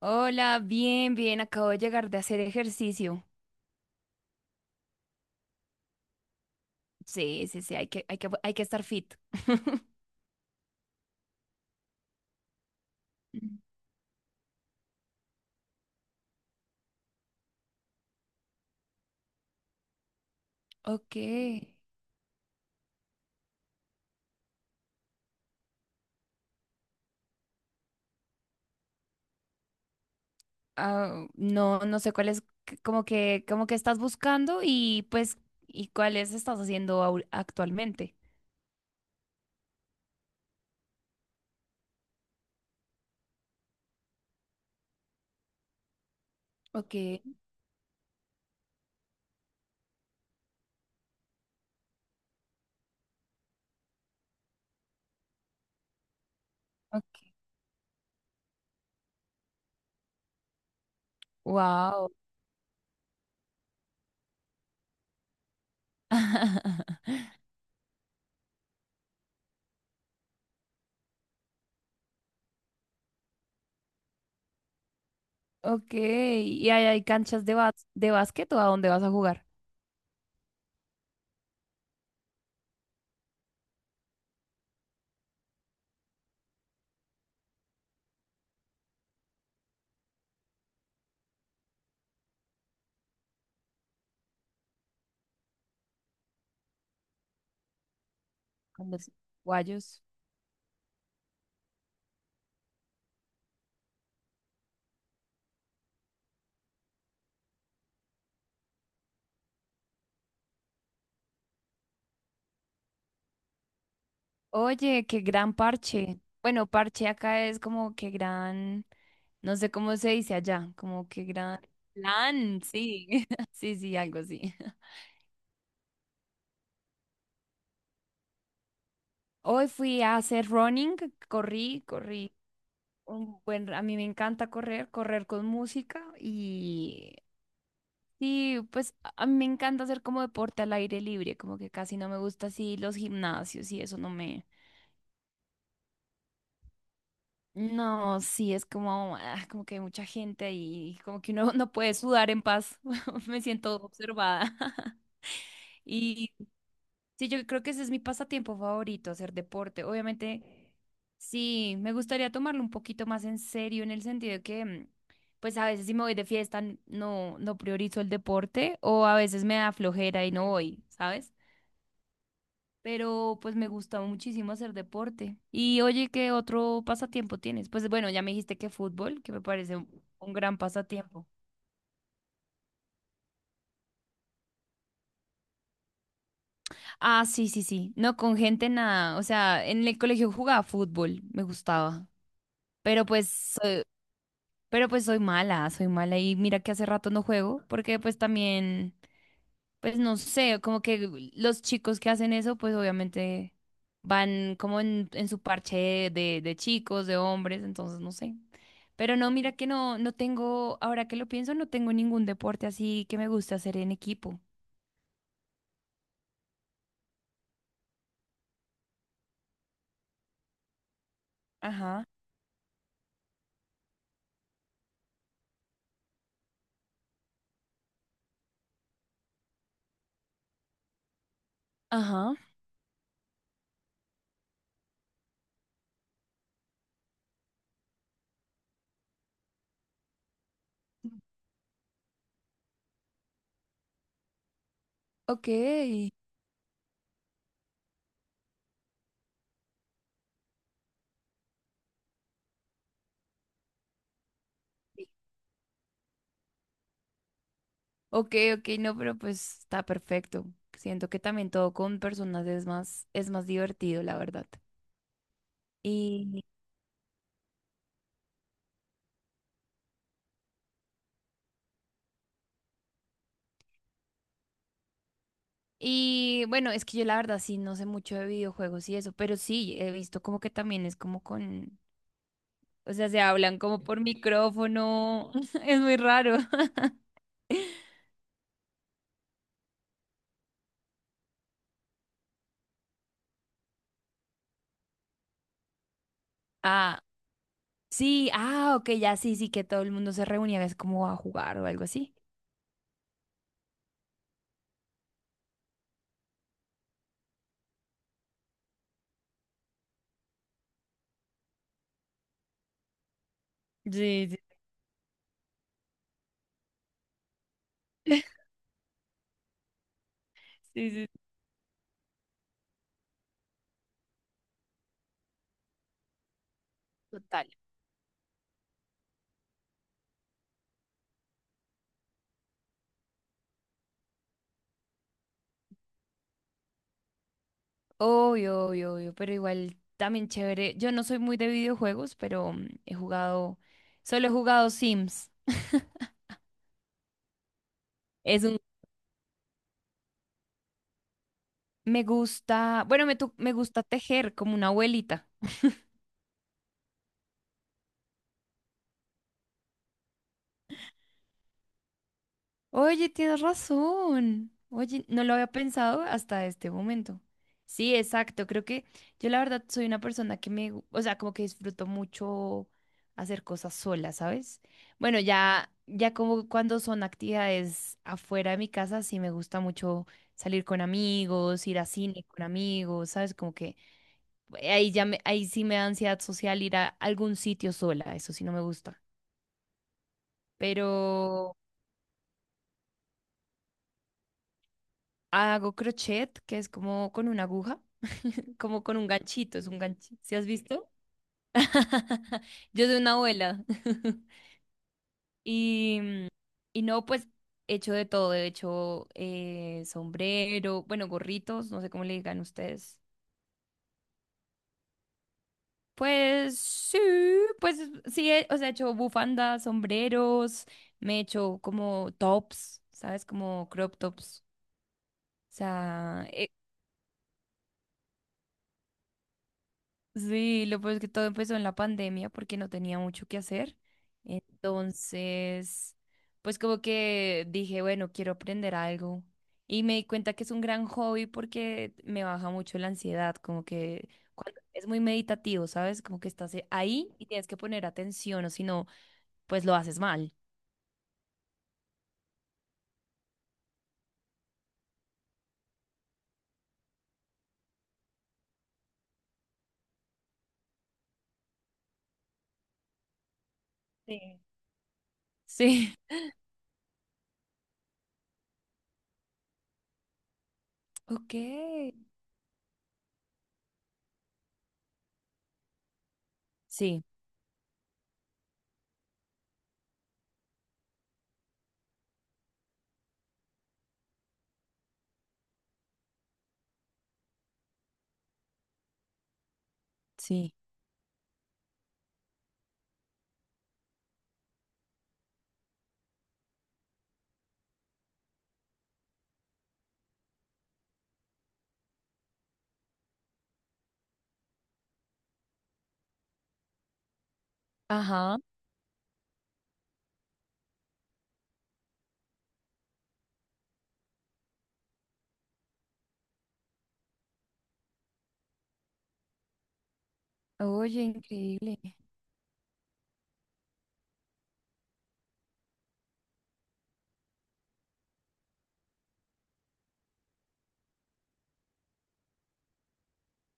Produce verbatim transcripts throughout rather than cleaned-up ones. Hola, bien, bien, acabo de llegar de hacer ejercicio. Sí, sí, sí, hay que, hay que, hay que estar fit. Ok. Ah, no, no sé cuál es, c- como que, como que estás buscando y pues, y cuáles estás haciendo au- actualmente. Ok, ok. Wow. Ok, ¿y hay, hay canchas de, bas- de básquet o a dónde vas a jugar? Con los guayos. Oye, qué gran parche. Bueno, parche acá es como que gran... No sé cómo se dice allá, como que gran plan, sí, sí, sí, algo así. Hoy fui a hacer running, corrí, corrí. Un buen, a mí me encanta correr, correr con música y, y pues a a mí me encanta hacer como deporte al aire libre, como que casi no me gusta así los gimnasios y eso no me... No, sí, es como, ah, como que hay mucha gente ahí, como que uno no puede sudar en paz, me siento observada. Y sí, yo creo que ese es mi pasatiempo favorito, hacer deporte. Obviamente, sí, me gustaría tomarlo un poquito más en serio en el sentido de que, mm, pues a veces si me voy de fiesta n- no, no priorizo el deporte o a veces me da flojera y no voy, ¿sabes? Pero pues me gusta muchísimo hacer deporte. Y oye, ¿qué otro pasatiempo tienes? Pues bueno, ya me dijiste que fútbol, que me parece un, un gran pasatiempo. Ah, sí, sí, sí. No, con gente nada. O sea, en el colegio jugaba fútbol, me gustaba. Pero pues so- Pero pues soy mala, soy mala y mira que hace rato no juego porque pues también, pues no sé, como que los chicos que hacen eso pues obviamente van como en, en su parche de, de chicos, de hombres, entonces no sé. Pero no, mira que no, no tengo, ahora que lo pienso, no tengo ningún deporte así que me guste hacer en equipo. Ajá. Ajá, ok. Ok, ok, no, pero pues está perfecto. Siento que también todo con personas es más, es más divertido, la verdad. Y bueno, es que yo la verdad sí no sé mucho de videojuegos y eso, pero sí he visto como que también es como con, o sea, se hablan como por micrófono, es muy raro. Ah, sí, ah, ok, ya sí, sí, que todo el mundo se reunía, es como a jugar o algo así. Sí, sí, sí, sí, total. Obvio, obvio, obvio, pero igual también chévere. Yo no soy muy de videojuegos, pero mm, he jugado, solo he jugado Sims. Es un. Me gusta, bueno, me, tu- me gusta tejer como una abuelita. Oye, tienes razón. Oye, no lo había pensado hasta este momento. Sí, exacto. Creo que yo la verdad soy una persona que me, gu- o sea, como que disfruto mucho hacer cosas sola, ¿sabes? Bueno, ya, ya como cuando son actividades afuera de mi casa, sí me gusta mucho salir con amigos, ir a cine con amigos, ¿sabes? Como que eh, ahí ya me, ahí sí me da ansiedad social ir a algún sitio sola. Eso sí no me gusta. Pero hago crochet, que es como con una aguja, como con un ganchito, es un ganchito. ¿Sí has visto? Yo soy una abuela. Y, mm, y no, pues he hecho de todo, he hecho eh, sombrero, bueno, gorritos, no sé cómo le digan ustedes. Pues sí, pues sí, he- o sea, he hecho bufandas, sombreros, me he hecho como tops, ¿sabes? Como crop tops. O sea, sí, lo pues que todo empezó en la pandemia porque no tenía mucho que hacer. Entonces, pues como que dije, bueno, quiero aprender algo. Y me di cuenta que es un gran hobby porque me baja mucho la ansiedad, como que cuando es muy meditativo, ¿sabes? Como que estás eh, ahí y tienes que poner atención, o si no, pues lo haces mal. Sí. Sí. Ok. Sí, sí. Ajá. Oye, increíble.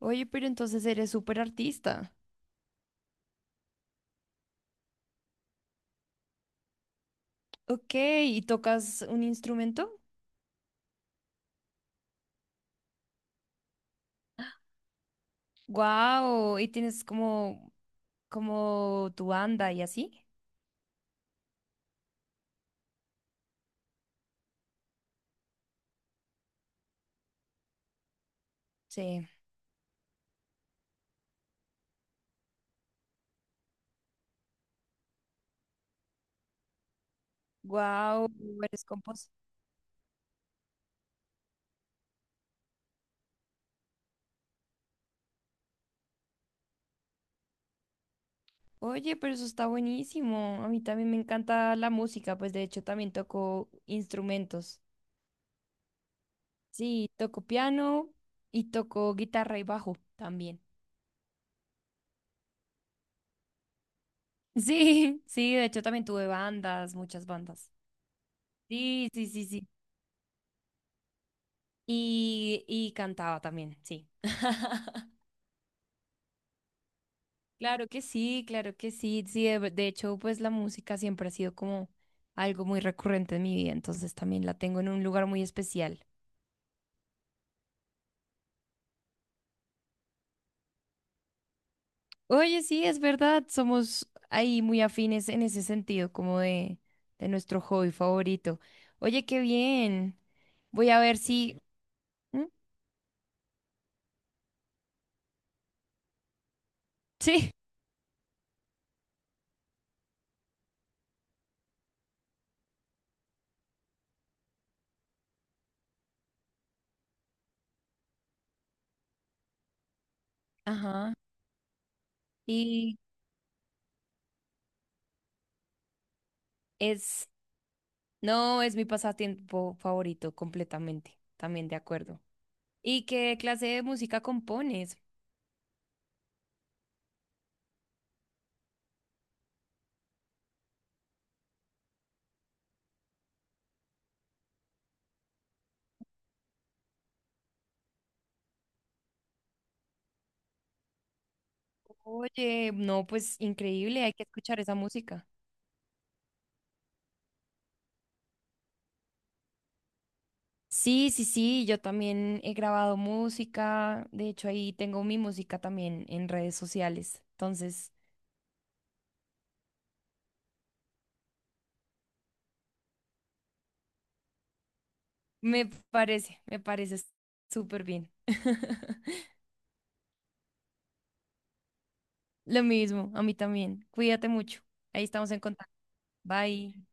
Oye, pero entonces eres súper artista. Ok, ¿y tocas un instrumento? Wow, ¿y tienes como, como tu banda y así? Sí. Wow, eres compos. Oye, pero eso está buenísimo. A mí también me encanta la música, pues de hecho también toco instrumentos. Sí, toco piano y toco guitarra y bajo también. Sí, sí, de hecho también tuve bandas, muchas bandas. Sí, sí, sí, sí. Y, y cantaba también, sí. Claro que sí, claro que sí. Sí, de, de hecho, pues la música siempre ha sido como algo muy recurrente en mi vida, entonces también la tengo en un lugar muy especial. Oye, sí, es verdad, somos ahí muy afines en ese sentido, como de, de nuestro hobby favorito. Oye, qué bien. Voy a ver si... ¿Mm? Sí. Ajá. Y es... No, es mi pasatiempo favorito, completamente. También de acuerdo. ¿Y qué clase de música compones? Oye, no, pues increíble, hay que escuchar esa música. Sí, sí, sí, yo también he grabado música, de hecho ahí tengo mi música también en redes sociales, entonces me parece, me parece súper bien. Lo mismo, a mí también, cuídate mucho, ahí estamos en contacto, bye.